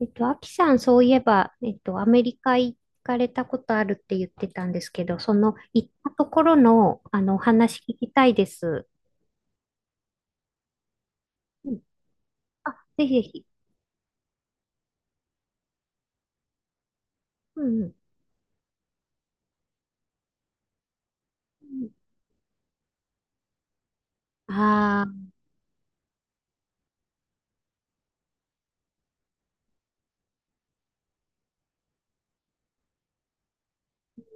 アキさん、そういえば、アメリカ行かれたことあるって言ってたんですけど、その行ったところの、お話聞きたいです。うん。あ、ぜひぜひ。うんうん。ああ、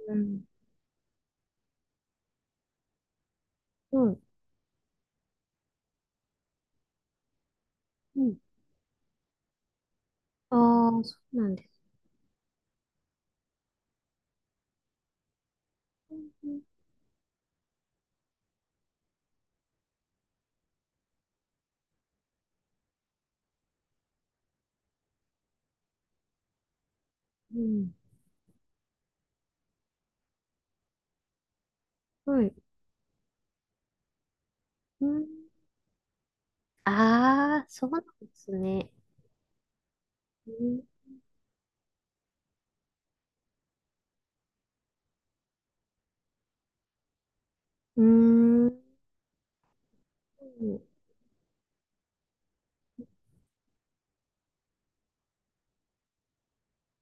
うん、うん、うん。ああ、そうなんです。うんうん、うんはい。うん、ああ、そうなんですね。うん、うーん、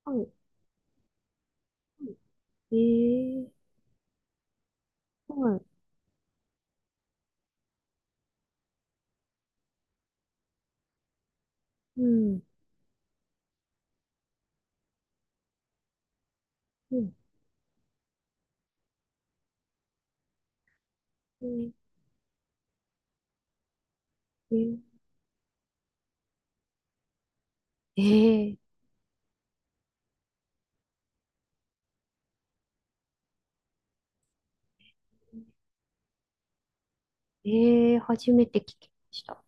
はい。ええー、はい。うん、うん、うんええーええ初めて聞きました。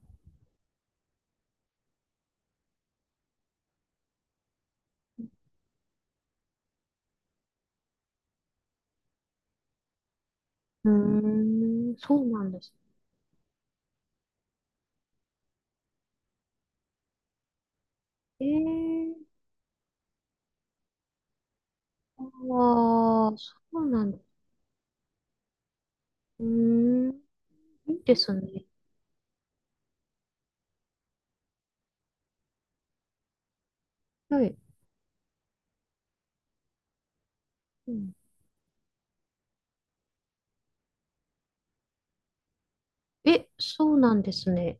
うーん、そうなんです。ええああー、そうなんです。うーん、いいですね。はい。うん、え、そうなんですね。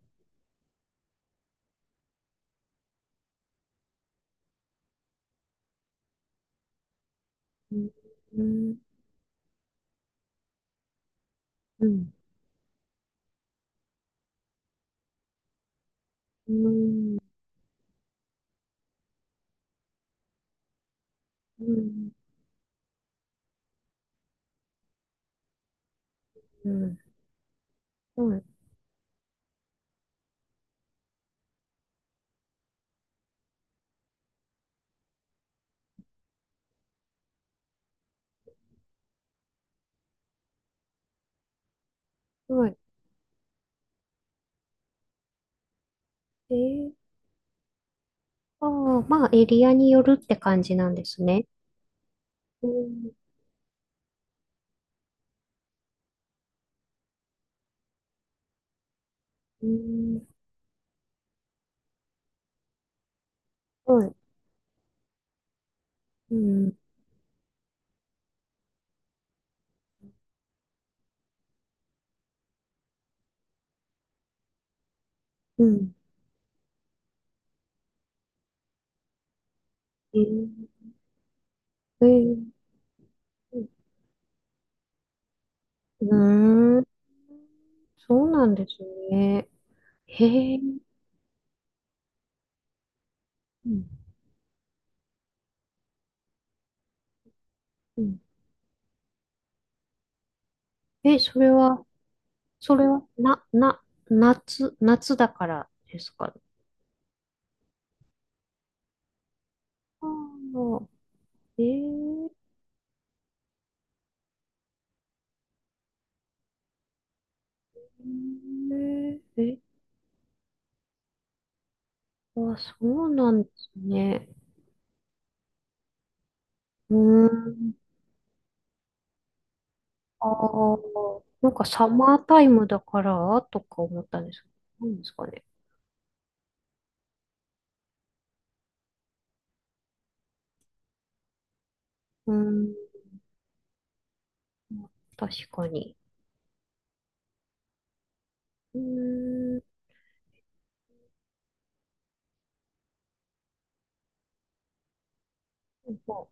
うん、うん、うん、うん、うん、うん、うん、はい。ええああまあ、エリアによるって感じなんですね。うん、うん、はい。うん、うん、ええええうーんそうなんですね。へえ。うんうんえ、それは、それは、な、な、夏、夏だからですか？ああ、えー、えー、え、あ、そうなんですね。うーん、ああ、なんかサマータイムだからとか思ったんですけど、なんですかね。うーん、確かに。うーん、まあ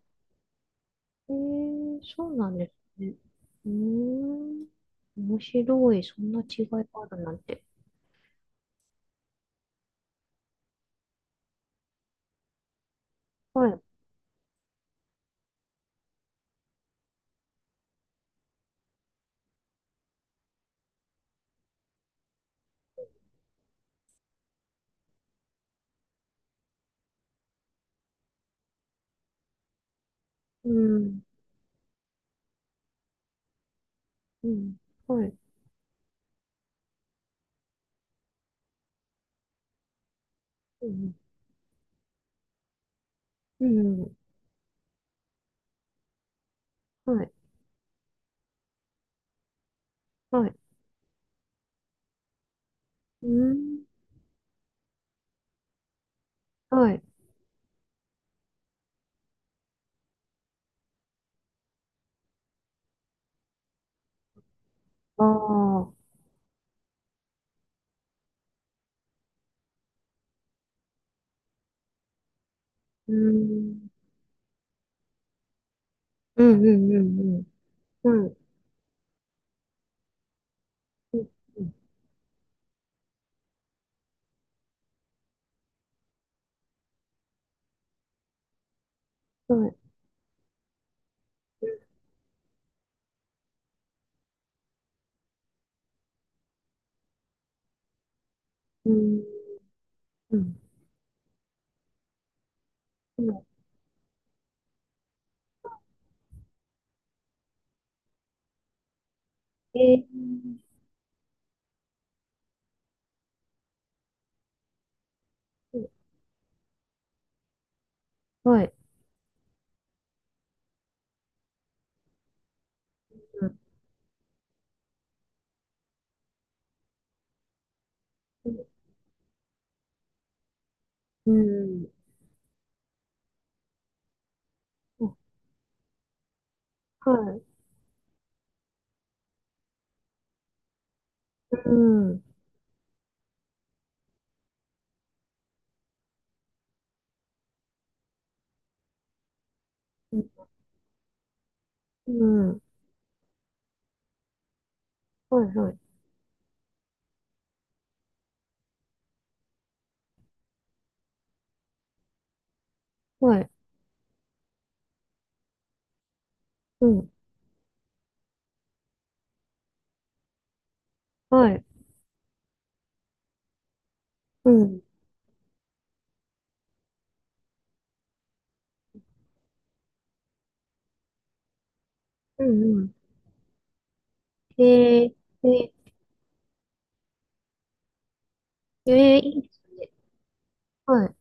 えー、そうなんですね。うーん。面白い。そんな違いがあるなんて。はい。うん。うん。はい。うん。うん。はい。はい。うん。はい。ああ。うん。うんうんうんうん。はい。うんうんはい。うん。うん。うん。えー。うんはい。うん。うん。うんはい。うん。うん。はい。はい。はい。うん。はい。うん。うんうん。へえ、え、ええいいですね。はい。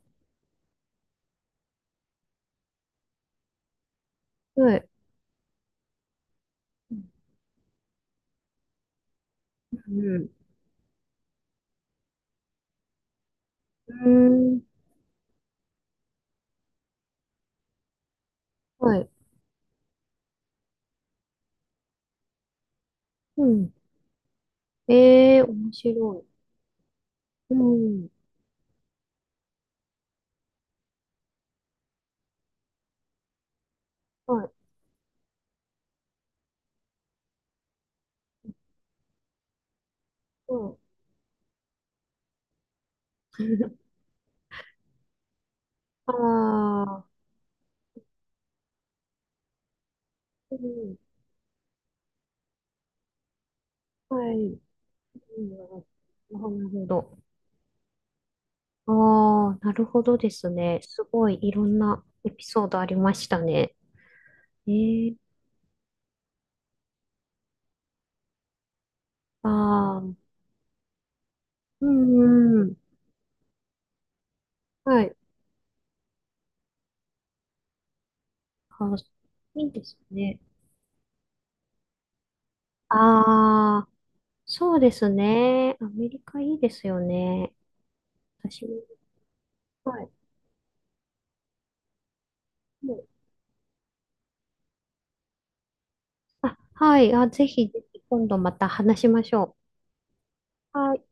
はい。うん。うーん。はい。うん。ええ面白い。うん。はい。うん。ああ。うん。はい。うん。なるほど。ああ、なるほどですね。すごいいろんなエピソードありましたね。ええああ。うんうん。はい。あ、いいですね。ああ。そうですね。アメリカいいですよね。私も。はい。もうあ、はい。あ、ぜひ、ぜひ今度また話しましょう。はい。